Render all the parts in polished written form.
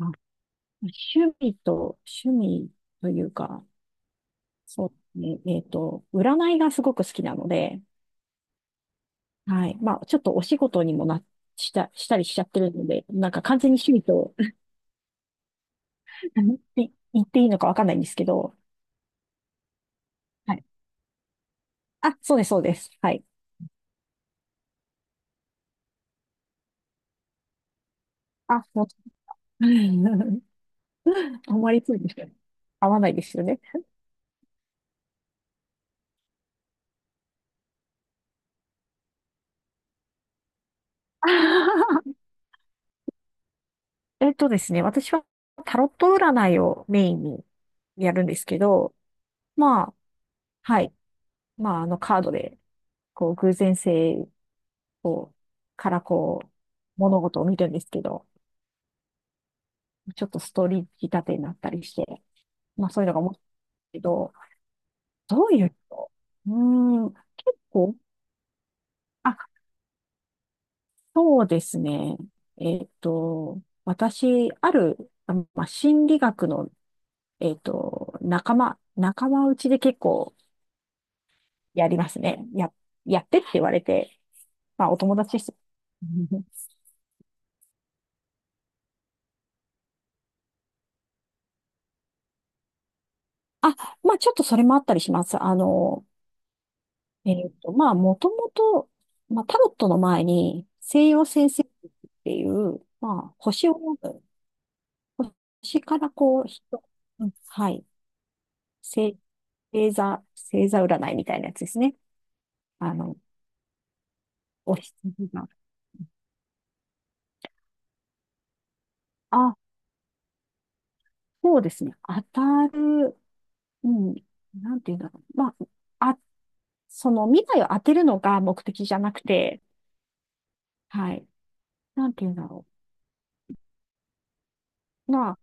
あ、趣味と、趣味というか、そうね、占いがすごく好きなので、はい。まあ、ちょっとお仕事にもな、したりしちゃってるので、なんか完全に趣味と 言っていいのかわかんないんですけど、はい。あ、そうです。はい。あ、もう、あんまりそうですよね、合わないですよね。えっとですね、私はタロット占いをメインにやるんですけど、まあ、はい。まあ、カードでこう、偶然性を、からこう、物事を見るんですけど、ちょっとストーリー仕立てになったりして、まあそういうのが面白いけど、どういう人、うーん、結構、あ、そうですね。私、ある、あ、まあ、心理学の、仲間内で結構やりますね。や、やってって言われて、まあお友達です。あ、まあちょっとそれもあったりします。まあ、もともと、まあ、タロットの前に、西洋占星術っていう、まあ、星を読む、星からこう、人、うん、はい、星、星座占いみたいなやつですね。あの、お羊が。あ、そうですね。当たる、うん、なんていうんだろう。あ、あ、その未来を当てるのが目的じゃなくて、はい、なんていうんだろう。ま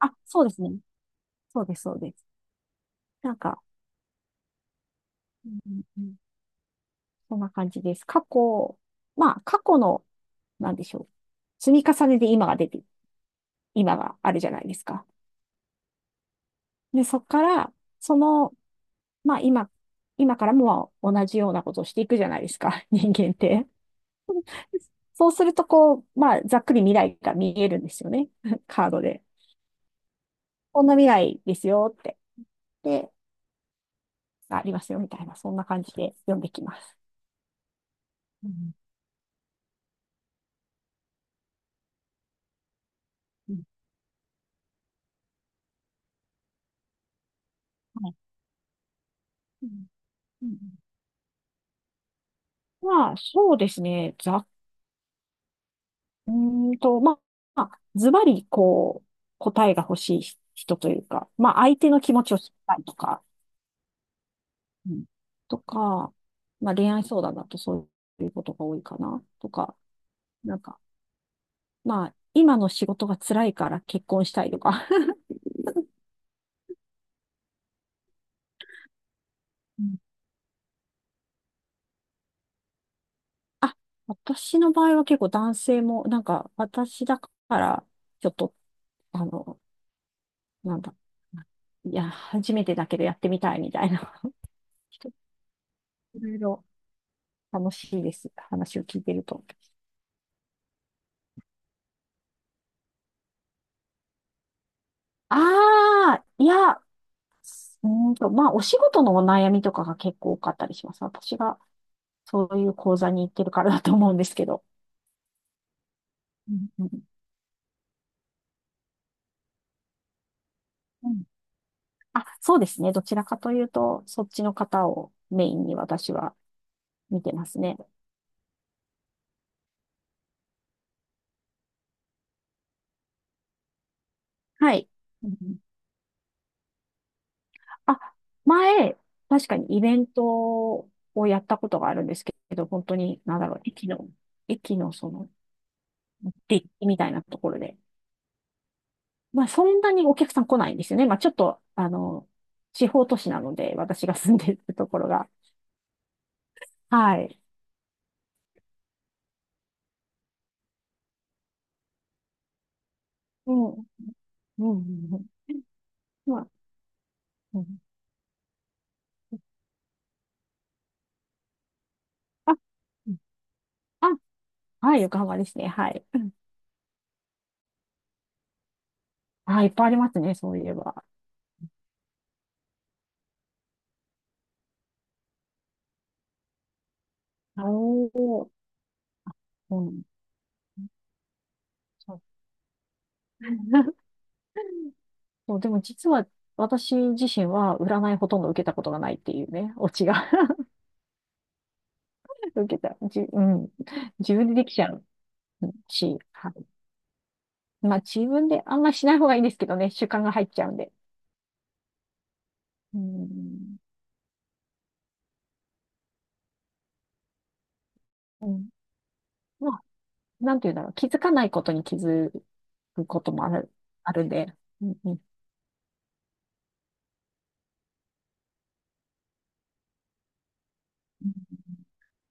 あ、あ、そうですね。そうです。なんか、うんうん、そんな感じです。過去、まあ、過去の、なんでしょう。積み重ねで今が出て、今があるじゃないですか。で、そこから、その、まあ、今からもまあ同じようなことをしていくじゃないですか、人間って。そうすると、こう、まあ、ざっくり未来が見えるんですよね。カードで。こんな未来ですよって。で、ありますよ、みたいな、そんな感じで読んできます。うんうん、はい、うんうん、まあ、そうですね。うーんと、まあ、まあズバリ、こう、答えが欲しい人というか、まあ、相手の気持ちを知りたいとか、うん、とか、まあ、恋愛相談だとそういうことが多いかな、とか、なんか、まあ、今の仕事が辛いから結婚したいとか。うん、あ、私の場合は結構男性も、なんか、私だから、ちょっと、あの、なんだ、いや、初めてだけどやってみたいみたいな。人いろいろ楽しいです。話を聞いてると。ああ、いや、うーんと、まあ、お仕事のお悩みとかが結構多かったりします。私がそういう講座に行ってるからだと思うんですけど。うんうんうん、あ、そうですね。どちらかというと、そっちの方をメインに私は見てますね。はい。うん、あ、前、確かにイベントをやったことがあるんですけど、本当に、なんだろう、駅のその、デッキみたいなところで、まあ、そんなにお客さん来ないんですよね。まあ、ちょっと、あの、地方都市なので、私が住んでるところが。はい。うん。うんうんうん、まあ、うん。あ、うん、あ、はい、横浜ですね。はい。あ、いっぱいありますね、そういえば。おー。うん。そう。そう、でも実は私自身は占いほとんど受けたことがないっていうね、オチが。 受けた。じ、うん。自分でできちゃうし、まあ自分であんましない方がいいですけどね、習慣が入っちゃうんで。うん。うん。まあ、なんて言うんだろう。気づかないことに気づくこともある、あるんで。うんうん。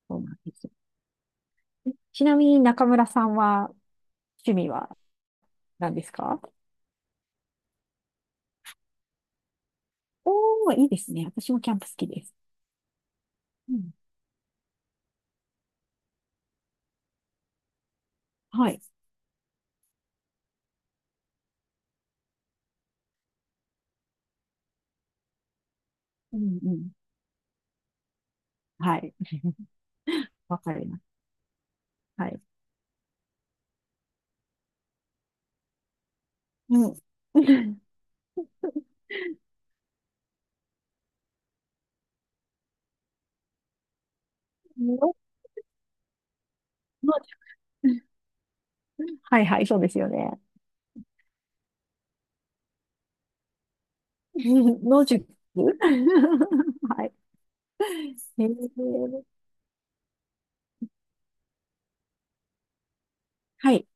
そうなんですよね。え、ちなみに中村さんは、趣味は何ですか？おー、いいですね。私もキャンプ好きです。うん。はい。うんうん。はい。わかります。はい。うん。の、の、はいはい、そうですよね。野宿。 はい。えー、はい。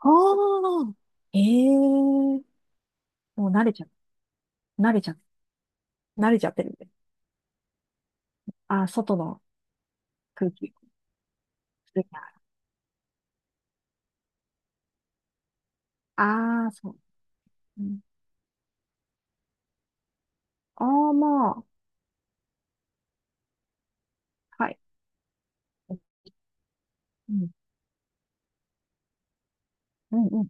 ああ、ええ、もう慣れちゃ、慣れちゃ、慣れちゃってるんで。ああ、外の空気。ああー、そう。ああー、まあ、はい。うん、うん、うん。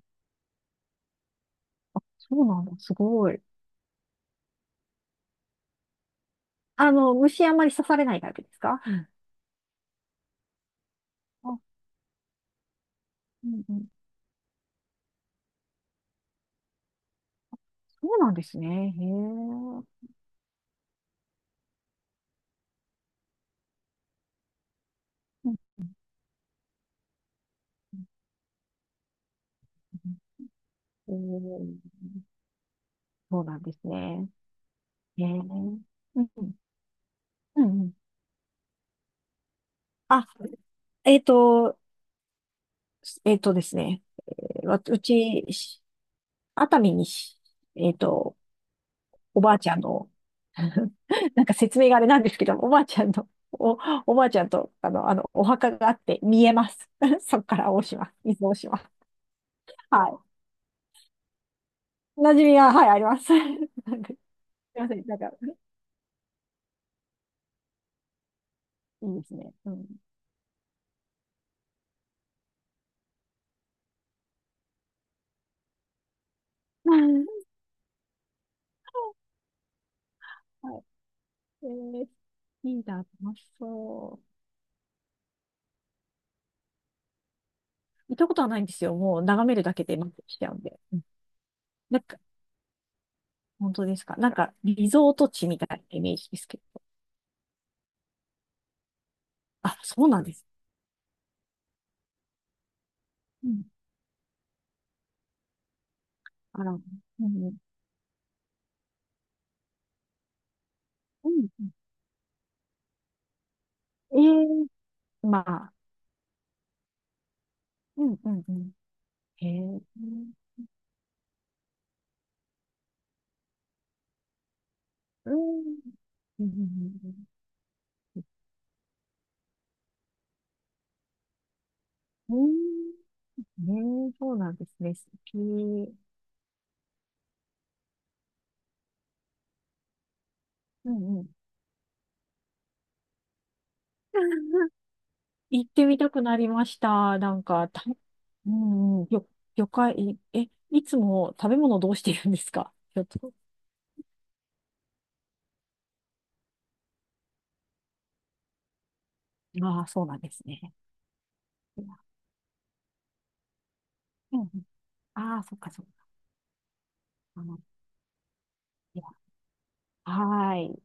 そうなんだ。すごい。あの、虫あんまり刺されないタイプですか？うん。あ、うんうん。そうなんですね。へえ。うんうんうんうん、そうなんですね。へえ。うんうんうんうん。あ、えっと、えっとですね。わうち、熱海にし、えっと、おばあちゃんの、なんか説明があれなんですけど、おばあちゃんと、あの、お墓があって見えます。そこから大島、伊豆大島。はい。馴染みが、はい、あります。なんかすいません、なんか、いいですね。うん。はい。えー、いいな、楽しそう。行ったことはないんですよ。もう眺めるだけで満足しちゃうんで。うん、なんか、本当ですか。なんか、リゾート地みたいなイメージですけど。あ、そうなんです。うん、あら、うん、うん、ええまあ、うん、うん、うん、へえ、うん、うん、うん、うん、ねえ、そうなんですね、素敵。うん、うん。行ってみたくなりました。なんか、た、うんうん、よ、魚介、え、いつも食べ物どうしてるんですか、ちょっと。ああ、そうなんですね。いや、うんうん、ああ、そっかそっか。あの、いや、はーい。